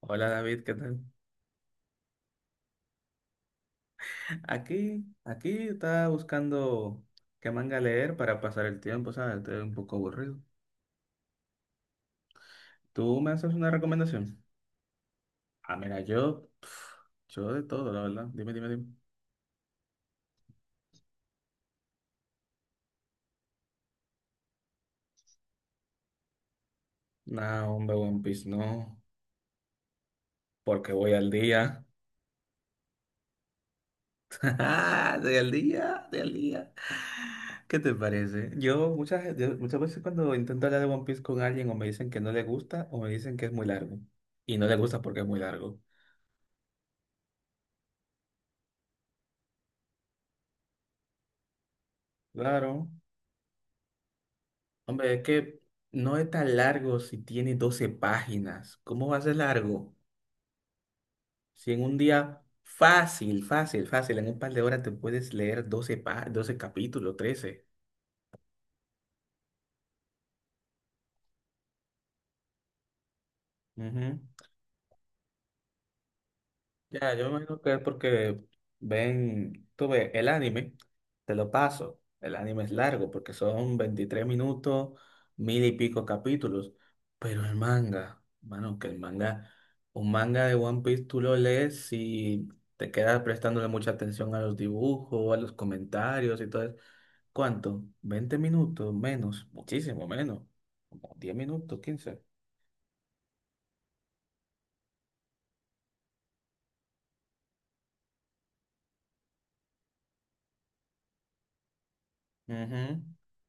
Hola David, ¿qué tal? Aquí estaba buscando qué manga leer para pasar el tiempo, ¿sabes? Estoy un poco aburrido. ¿Tú me haces una recomendación? Ah, mira, yo, pf, yo de todo, la verdad. Dime. No, hombre, One Piece, no, porque voy al día. Estoy al día, estoy al día. ¿Qué te parece? Yo muchas veces cuando intento hablar de One Piece con alguien o me dicen que no le gusta o me dicen que es muy largo. Y no le gusta porque es muy largo. Claro. Hombre, es que no es tan largo si tiene 12 páginas. ¿Cómo va a ser largo? Si en un día fácil, en un par de horas te puedes leer 12 capítulos, ¿trece? Ujú. Ya, yo me imagino que es porque ven, tú ves, el anime, te lo paso, el anime es largo porque son 23 minutos, mil y pico capítulos, pero el manga, mano, que el manga, un manga de One Piece tú lo lees y te quedas prestándole mucha atención a los dibujos, a los comentarios y todo eso. ¿Cuánto? ¿Veinte minutos? Menos, muchísimo menos, como 10 minutos, 15. Ujú.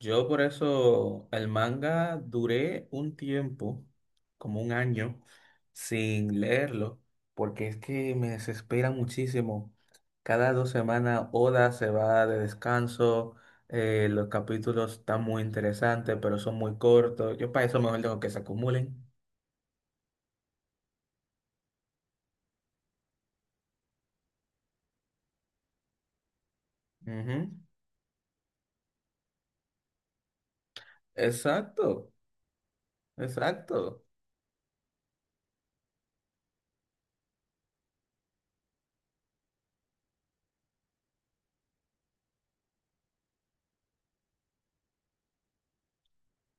Yo por eso el manga duré un tiempo, como un año, sin leerlo, porque es que me desespera muchísimo. Cada dos semanas Oda se va de descanso, los capítulos están muy interesantes, pero son muy cortos. Yo para eso mejor dejo que se acumulen. Ujú. Exacto, exacto.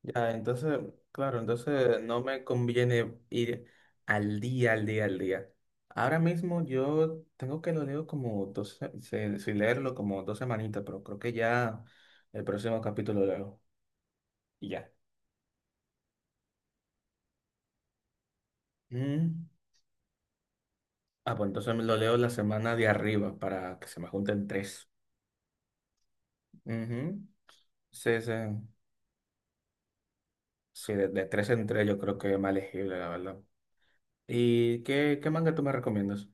Ya, entonces, claro, entonces no me conviene ir al día. Ahora mismo yo tengo que lo leo como dos, si leerlo como dos semanitas, pero creo que ya el próximo capítulo lo leo. Y ya. Mm. Ah, pues entonces me lo leo la semana de arriba para que se me junten tres. Ujú. Sí, sí. Sí, de tres en tres yo creo que es más legible, la verdad. ¿Y qué manga tú me recomiendas?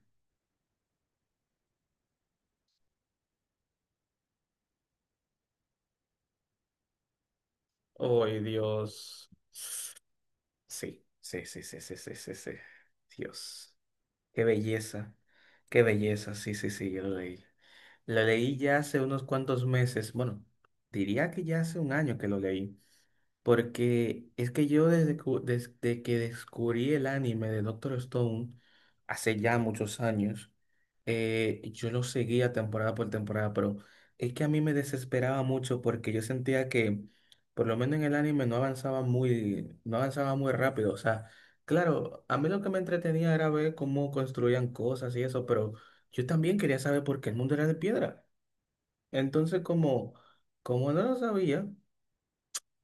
Ay, Dios. Sí, sí, sí, sí, sí, sí, sí, sí. Dios, qué belleza, qué belleza, sí, sí, sí, yo lo leí. Lo leí ya hace unos cuantos meses, bueno, diría que ya hace un año que lo leí. Porque es que yo desde que descubrí el anime de Doctor Stone, hace ya muchos años, yo lo seguía temporada por temporada, pero es que a mí me desesperaba mucho porque yo sentía que, por lo menos en el anime, no avanzaba muy rápido. O sea, claro, a mí lo que me entretenía era ver cómo construían cosas y eso, pero yo también quería saber por qué el mundo era de piedra. Entonces, como, como no lo sabía,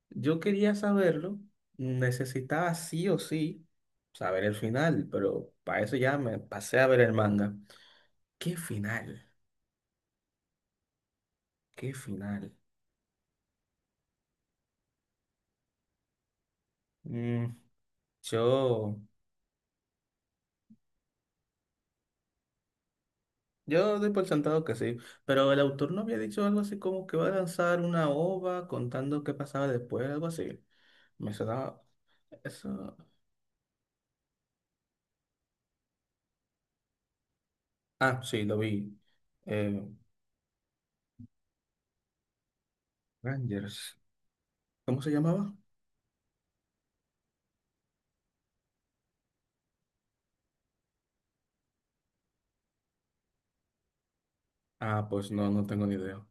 yo quería saberlo, necesitaba sí o sí saber el final, pero para eso ya me pasé a ver el manga. ¿Qué final? ¿Qué final? Mm, yo, yo doy por sentado que sí, pero el autor no había dicho algo así como que va a lanzar una OVA contando qué pasaba después, algo así. Me sonaba eso. Ah, sí, lo vi. Eh, Rangers. ¿Cómo se llamaba? Ah, pues no, no tengo ni idea.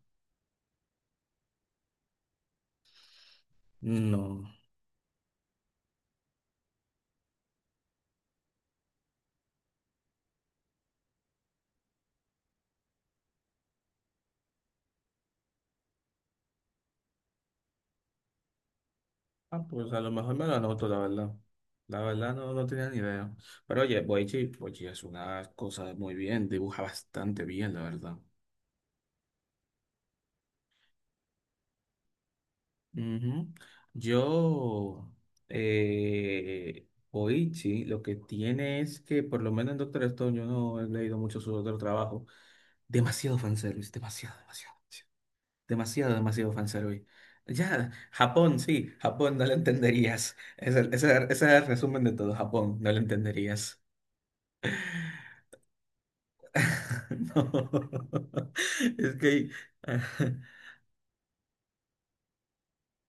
No. Ah, pues a lo mejor me lo anoto, la verdad. La verdad no, no tenía ni idea. Pero oye, Boichi es una cosa muy bien, dibuja bastante bien, la verdad. Ujú. Yo, Boichi, lo que tiene es que, por lo menos en Doctor Stone, yo no he leído mucho su otro trabajo. Demasiado fanservice, demasiado fanservice. Ya, Japón, sí, Japón, no lo entenderías. Ese es el resumen de todo, Japón, no lo entenderías. No, es que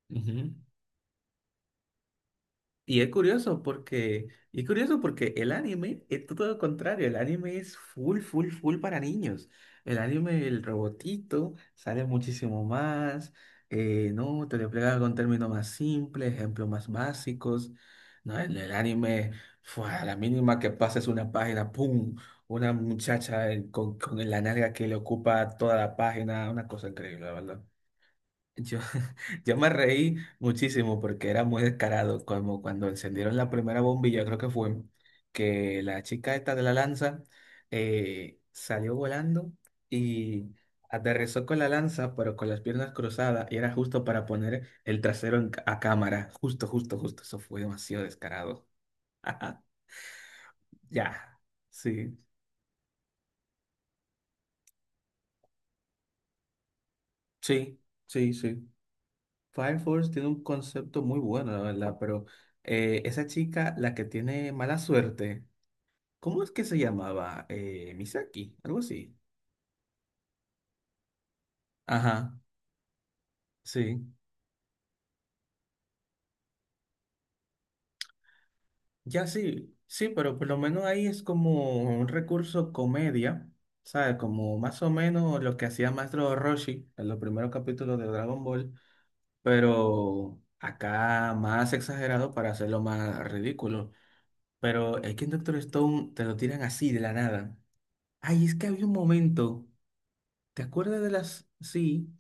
Ujú. Y es curioso porque y es curioso porque el anime es todo lo contrario, el anime es full full full para niños. El anime el robotito sale muchísimo más, no, te lo explica con términos más simples, ejemplos más básicos. No, en el anime fue a la mínima que pases una página, pum, una muchacha con la nalga que le ocupa toda la página, una cosa increíble, la verdad. Yo, yo me reí muchísimo porque era muy descarado, como cuando encendieron la primera bombilla, creo que fue, que la chica esta de la lanza salió volando y aterrizó con la lanza, pero con las piernas cruzadas, y era justo para poner el trasero en a cámara, justo, eso fue demasiado descarado. Ya, sí, sí, sí, sí. Fire Force tiene un concepto muy bueno, la verdad, pero esa chica, la que tiene mala suerte, ¿cómo es que se llamaba? Misaki, algo así. Ajá, sí. Ya sí, sí, pero por lo menos ahí es como un recurso comedia, ¿sabes? Como más o menos lo que hacía Maestro Roshi en los primeros capítulos de Dragon Ball, pero acá más exagerado para hacerlo más ridículo. Pero es que en Doctor Stone te lo tiran así de la nada. Ay, es que había un momento, ¿te acuerdas de las... Sí,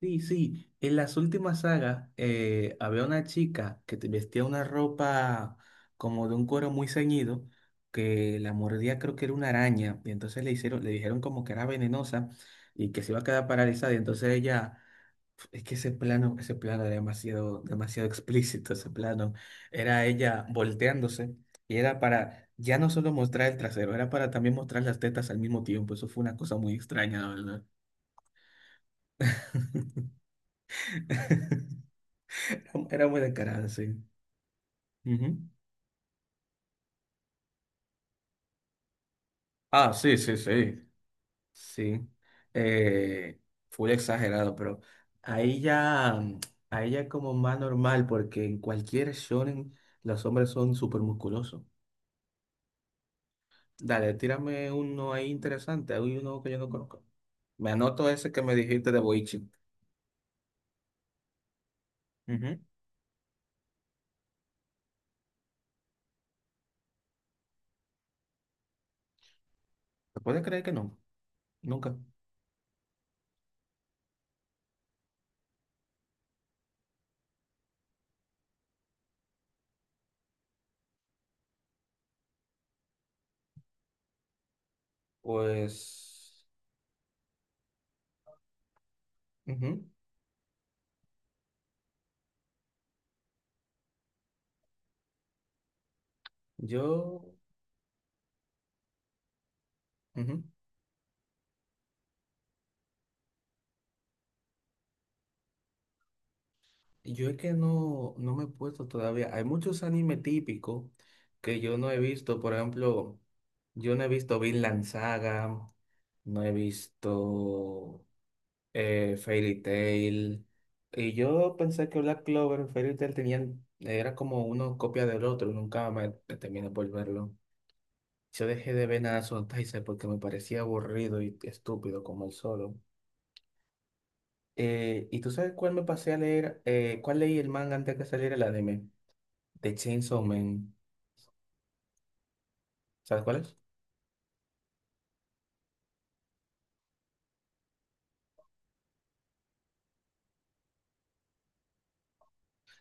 sí, sí. En las últimas sagas había una chica que vestía una ropa como de un cuero muy ceñido, que la mordía creo que era una araña, y entonces le hicieron, le dijeron como que era venenosa y que se iba a quedar paralizada, y entonces ella es que ese plano, era demasiado, demasiado explícito, ese plano. Era ella volteándose y era para ya no solo mostrar el trasero, era para también mostrar las tetas al mismo tiempo. Eso fue una cosa muy extraña, la verdad. Era muy descarada, sí. Ujú. Ah, sí, sí, sí. Sí. Eh, fue exagerado, pero a ella, a ella como más normal, porque en cualquier shonen los hombres son súper musculosos. Dale, tírame uno ahí interesante. Hay uno que yo no conozco. Me anoto ese que me dijiste de Boichi. Ujú. ¿Me puedes creer que no? Nunca. Pues, ujú. Yo, ujú. Yo es que no me he puesto todavía. Hay muchos animes típicos que yo no he visto. Por ejemplo, yo no he visto Vinland Saga, no he visto Fairy Tail. Y yo pensé que Black Clover y Fairy Tail tenían, era como una copia del otro, nunca me terminé por verlo. Yo dejé de ver nada Son Taizai porque me parecía aburrido y estúpido como el solo. ¿Y tú sabes cuál me pasé a leer? ¿Cuál leí el manga antes que saliera el anime? De Chainsaw Man. ¿Sabes cuál es?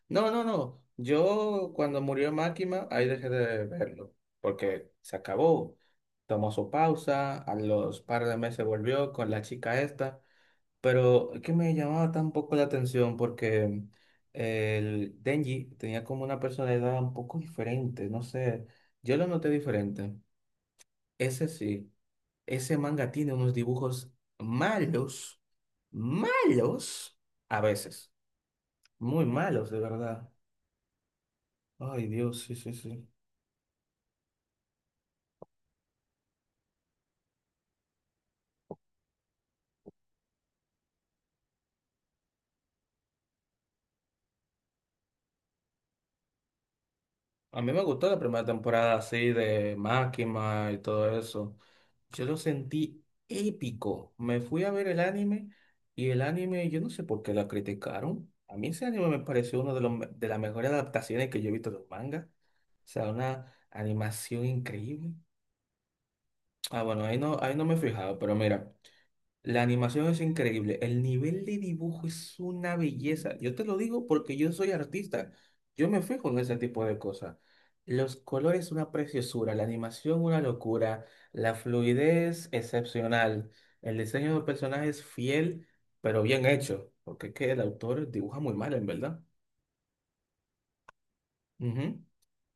No, no, no. Yo cuando murió Máquina, ahí dejé de verlo, porque se acabó. Tomó su pausa, a los par de meses volvió con la chica esta, pero es que me llamaba tan poco la atención porque el Denji tenía como una personalidad un poco diferente, no sé, yo lo noté diferente. Ese sí, ese manga tiene unos dibujos malos, malos, a veces, muy malos, de verdad. Ay, Dios, sí, sí, sí. A mí me gustó la primera temporada así de Máquina y todo eso. Yo lo sentí épico. Me fui a ver el anime y el anime, yo no sé por qué la criticaron. A mí ese anime me pareció una de, de las mejores adaptaciones que yo he visto de los mangas. O sea, una animación increíble. Ah, bueno, ahí no me he fijado, pero mira. La animación es increíble. El nivel de dibujo es una belleza. Yo te lo digo porque yo soy artista. Yo me fijo en ese tipo de cosas. Los colores, una preciosura. La animación, una locura. La fluidez, excepcional. El diseño de personajes, fiel, pero bien hecho. Porque es que el autor dibuja muy mal, en verdad. Ujú.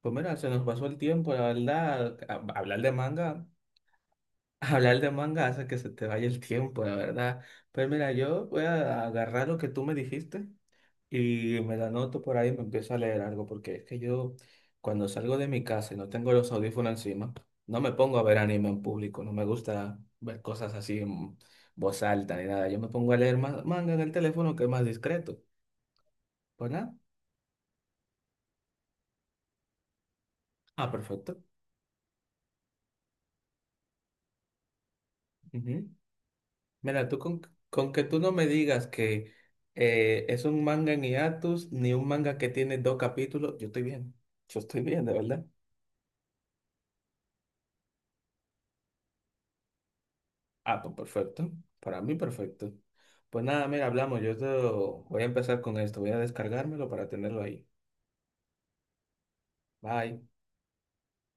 Pues mira, se nos pasó el tiempo, la verdad. Hablar de manga. Hablar de manga hace que se te vaya el tiempo, la verdad. Pues mira, yo voy a agarrar lo que tú me dijiste y me lo anoto por ahí y me empiezo a leer algo, porque es que yo cuando salgo de mi casa y no tengo los audífonos encima, no me pongo a ver anime en público, no me gusta ver cosas así en voz alta ni nada. Yo me pongo a leer manga en el teléfono que es más discreto. Pues nada. Ah, perfecto. Ujú. Mira, con que tú no me digas que es un manga en hiatus ni un manga que tiene dos capítulos, yo estoy bien. Yo estoy bien, de verdad. Ah, pues perfecto. Para mí, perfecto. Pues nada, mira, hablamos. Yo te voy a empezar con esto. Voy a descargármelo para tenerlo ahí. Bye.